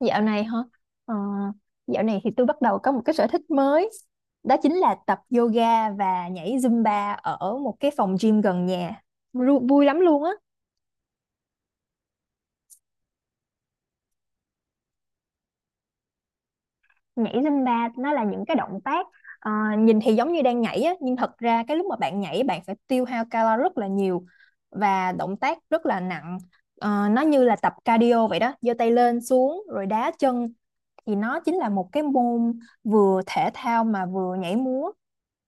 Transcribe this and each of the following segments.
Dạo này hả? Ờ, dạo này thì tôi bắt đầu có một cái sở thích mới. Đó chính là tập yoga và nhảy Zumba ở một cái phòng gym gần nhà. Vui lắm luôn á. Nhảy Zumba nó là những cái động tác ờ, nhìn thì giống như đang nhảy á, nhưng thật ra cái lúc mà bạn nhảy bạn phải tiêu hao calo rất là nhiều và động tác rất là nặng. Nó như là tập cardio vậy đó, giơ tay lên xuống rồi đá chân thì nó chính là một cái môn vừa thể thao mà vừa nhảy múa.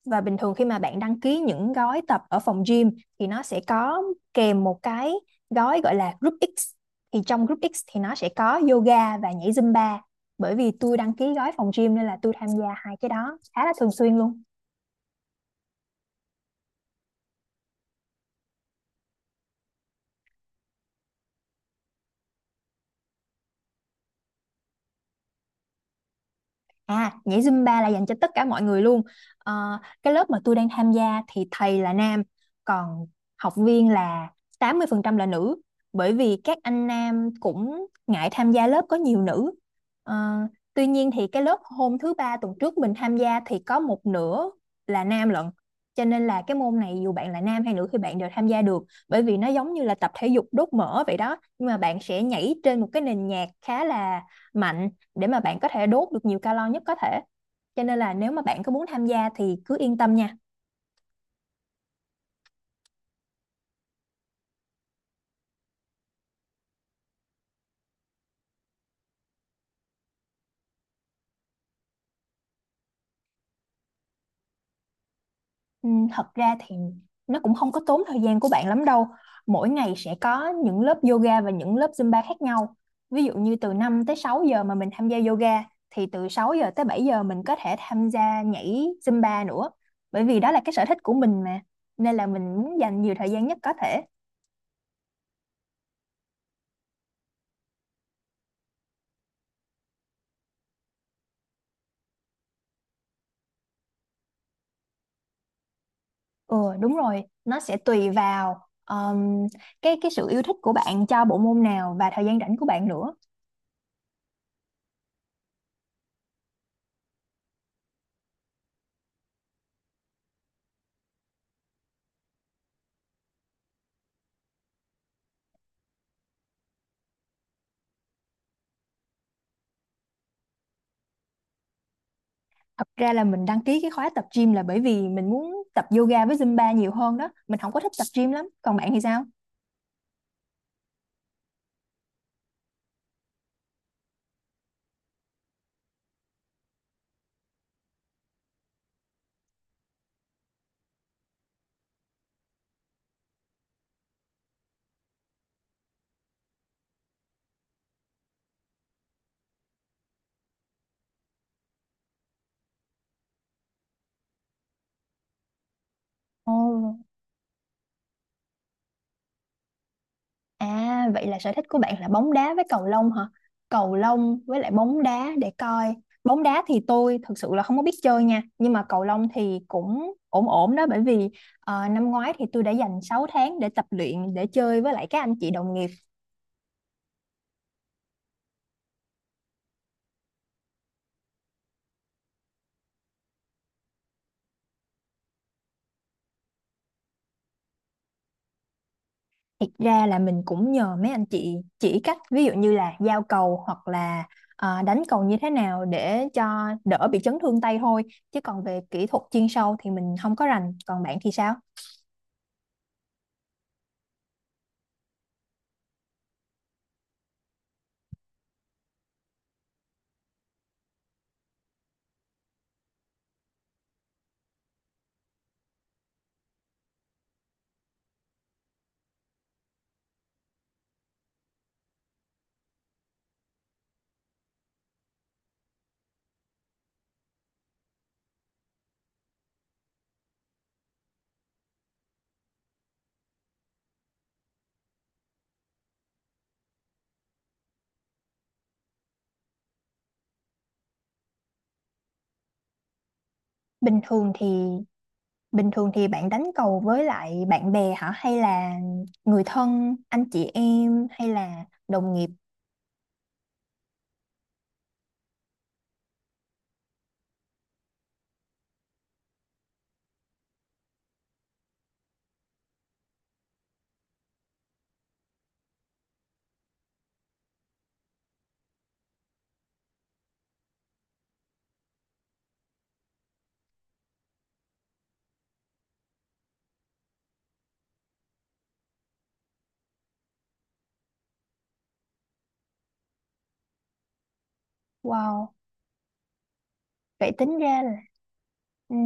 Và bình thường khi mà bạn đăng ký những gói tập ở phòng gym thì nó sẽ có kèm một cái gói gọi là Group X. Thì trong Group X thì nó sẽ có yoga và nhảy Zumba. Bởi vì tôi đăng ký gói phòng gym nên là tôi tham gia hai cái đó khá là thường xuyên luôn. À, nhảy Zumba là dành cho tất cả mọi người luôn. Cái lớp mà tôi đang tham gia thì thầy là nam, còn học viên là 80% là nữ. Bởi vì các anh nam cũng ngại tham gia lớp có nhiều nữ. Ờ, tuy nhiên thì cái lớp hôm thứ ba tuần trước mình tham gia thì có một nửa là nam lận. Cho nên là cái môn này dù bạn là nam hay nữ thì bạn đều tham gia được. Bởi vì nó giống như là tập thể dục đốt mỡ vậy đó. Nhưng mà bạn sẽ nhảy trên một cái nền nhạc khá là mạnh để mà bạn có thể đốt được nhiều calo nhất có thể, cho nên là nếu mà bạn có muốn tham gia thì cứ yên tâm nha. Ừ, thật ra thì nó cũng không có tốn thời gian của bạn lắm đâu, mỗi ngày sẽ có những lớp yoga và những lớp Zumba khác nhau. Ví dụ như từ 5 tới 6 giờ mà mình tham gia yoga thì từ 6 giờ tới 7 giờ mình có thể tham gia nhảy Zumba nữa, bởi vì đó là cái sở thích của mình mà, nên là mình muốn dành nhiều thời gian nhất có thể. Ừ, đúng rồi, nó sẽ tùy vào cái sự yêu thích của bạn cho bộ môn nào và thời gian rảnh của bạn nữa. Thật ra là mình đăng ký cái khóa tập gym là bởi vì mình muốn tập yoga với Zumba nhiều hơn đó. Mình không có thích tập gym lắm. Còn bạn thì sao? Ồ, à, vậy là sở thích của bạn là bóng đá với cầu lông hả? Cầu lông với lại bóng đá để coi. Bóng đá thì tôi thực sự là không có biết chơi nha, nhưng mà cầu lông thì cũng ổn ổn đó, bởi vì năm ngoái thì tôi đã dành 6 tháng để tập luyện để chơi với lại các anh chị đồng nghiệp. Thật ra là mình cũng nhờ mấy anh chị chỉ cách, ví dụ như là giao cầu hoặc là đánh cầu như thế nào để cho đỡ bị chấn thương tay thôi. Chứ còn về kỹ thuật chuyên sâu thì mình không có rành. Còn bạn thì sao? Bình thường thì bình thường thì bạn đánh cầu với lại bạn bè hả? Hay là người thân, anh chị em hay là đồng nghiệp? Wow, vậy tính ra là, ừ,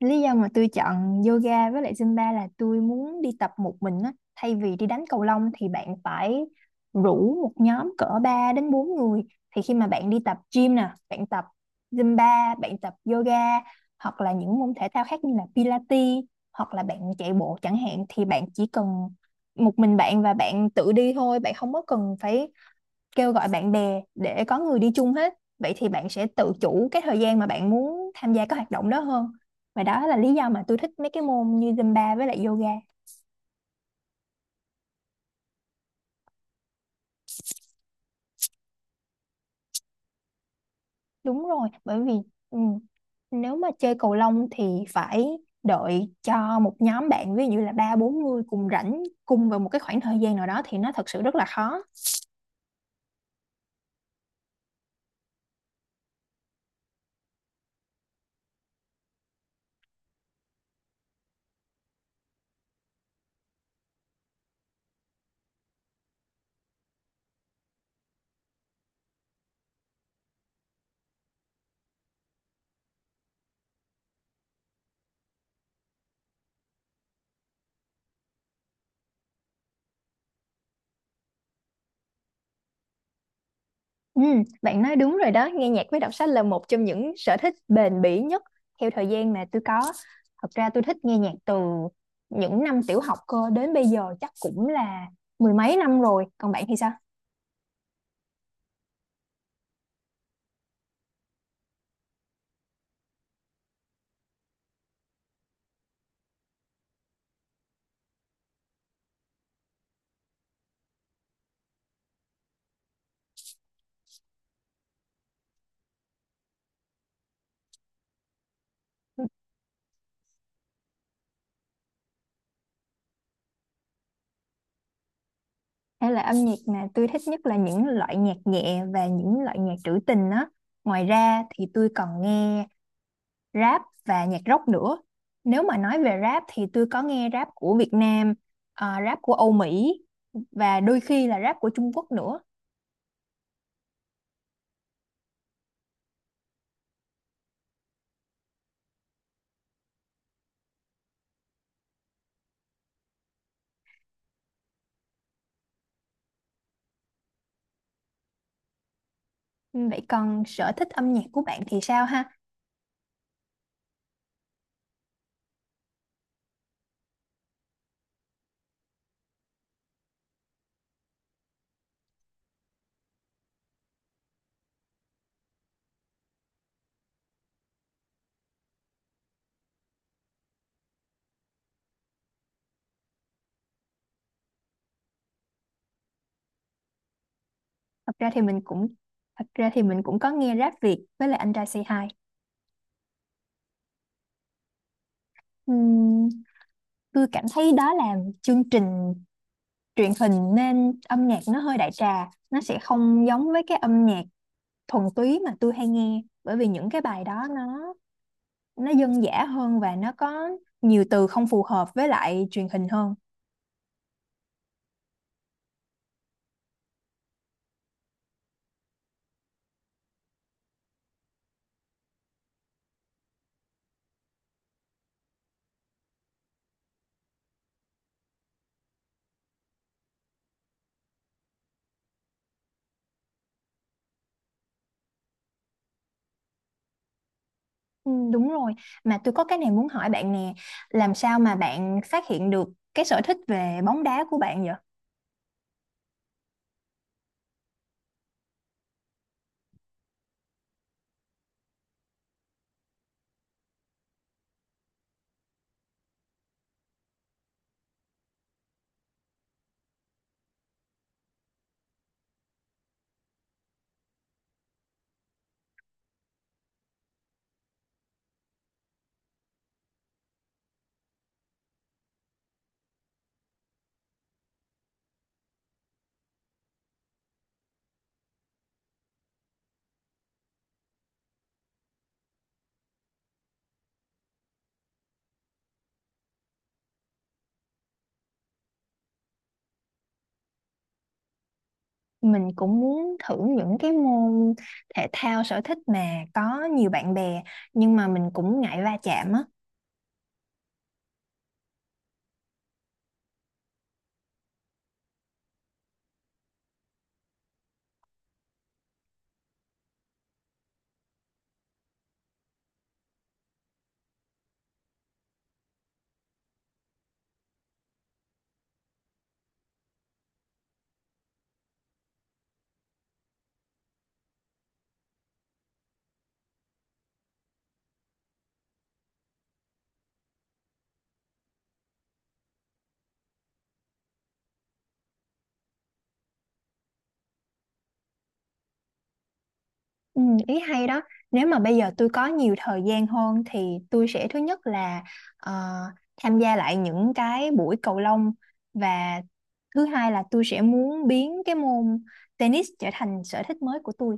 lý do mà tôi chọn yoga với lại Zumba là tôi muốn đi tập một mình á. Thay vì đi đánh cầu lông thì bạn phải rủ một nhóm cỡ 3 đến 4 người. Thì khi mà bạn đi tập gym nè, bạn tập Zumba, bạn tập yoga, hoặc là những môn thể thao khác như là Pilates, hoặc là bạn chạy bộ chẳng hạn, thì bạn chỉ cần một mình bạn và bạn tự đi thôi, bạn không có cần phải kêu gọi bạn bè để có người đi chung hết. Vậy thì bạn sẽ tự chủ cái thời gian mà bạn muốn tham gia các hoạt động đó hơn, và đó là lý do mà tôi thích mấy cái môn như Zumba với lại yoga. Đúng rồi, bởi vì, ừ, nếu mà chơi cầu lông thì phải đợi cho một nhóm bạn ví dụ như là ba bốn người cùng rảnh cùng vào một cái khoảng thời gian nào đó thì nó thật sự rất là khó. Ừ, bạn nói đúng rồi đó, nghe nhạc với đọc sách là một trong những sở thích bền bỉ nhất theo thời gian mà tôi có. Thật ra tôi thích nghe nhạc từ những năm tiểu học cơ, đến bây giờ chắc cũng là mười mấy năm rồi. Còn bạn thì sao? Hay là, âm nhạc mà tôi thích nhất là những loại nhạc nhẹ và những loại nhạc trữ tình á. Ngoài ra thì tôi còn nghe rap và nhạc rock nữa. Nếu mà nói về rap thì tôi có nghe rap của Việt Nam, rap của Âu Mỹ và đôi khi là rap của Trung Quốc nữa. Ừ, vậy còn sở thích âm nhạc của bạn thì sao ha? Thật ra thì mình cũng thật ra thì mình cũng có nghe rap Việt với lại anh trai Say Hi. Ừm, tôi cảm thấy đó là chương trình truyền hình nên âm nhạc nó hơi đại trà, nó sẽ không giống với cái âm nhạc thuần túy mà tôi hay nghe, bởi vì những cái bài đó nó dân dã hơn và nó có nhiều từ không phù hợp với lại truyền hình hơn. Ừ, đúng rồi, mà tôi có cái này muốn hỏi bạn nè, làm sao mà bạn phát hiện được cái sở thích về bóng đá của bạn vậy? Mình cũng muốn thử những cái môn thể thao sở thích mà có nhiều bạn bè, nhưng mà mình cũng ngại va chạm á. Ừ, ý hay đó, nếu mà bây giờ tôi có nhiều thời gian hơn thì tôi sẽ, thứ nhất là ờ, tham gia lại những cái buổi cầu lông, và thứ hai là tôi sẽ muốn biến cái môn tennis trở thành sở thích mới của tôi.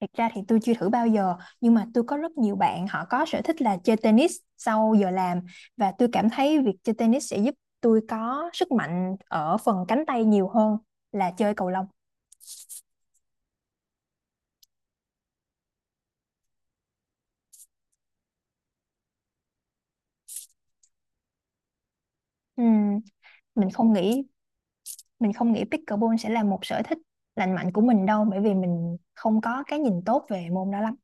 Thật ra thì tôi chưa thử bao giờ, nhưng mà tôi có rất nhiều bạn họ có sở thích là chơi tennis sau giờ làm, và tôi cảm thấy việc chơi tennis sẽ giúp tôi có sức mạnh ở phần cánh tay nhiều hơn là chơi cầu lông. Ừm, mình không nghĩ mình không nghĩ pickleball sẽ là một sở thích lành mạnh của mình đâu, bởi vì mình không có cái nhìn tốt về môn đó lắm.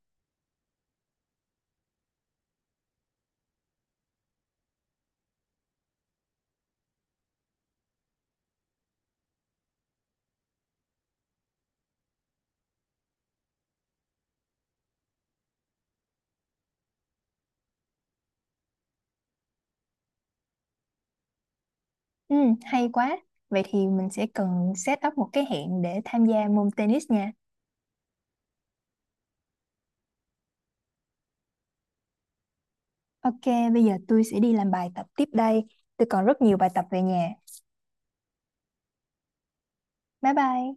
Hay quá. Vậy thì mình sẽ cần set up một cái hẹn để tham gia môn tennis nha. Ok, bây giờ tôi sẽ đi làm bài tập tiếp đây. Tôi còn rất nhiều bài tập về nhà. Bye bye.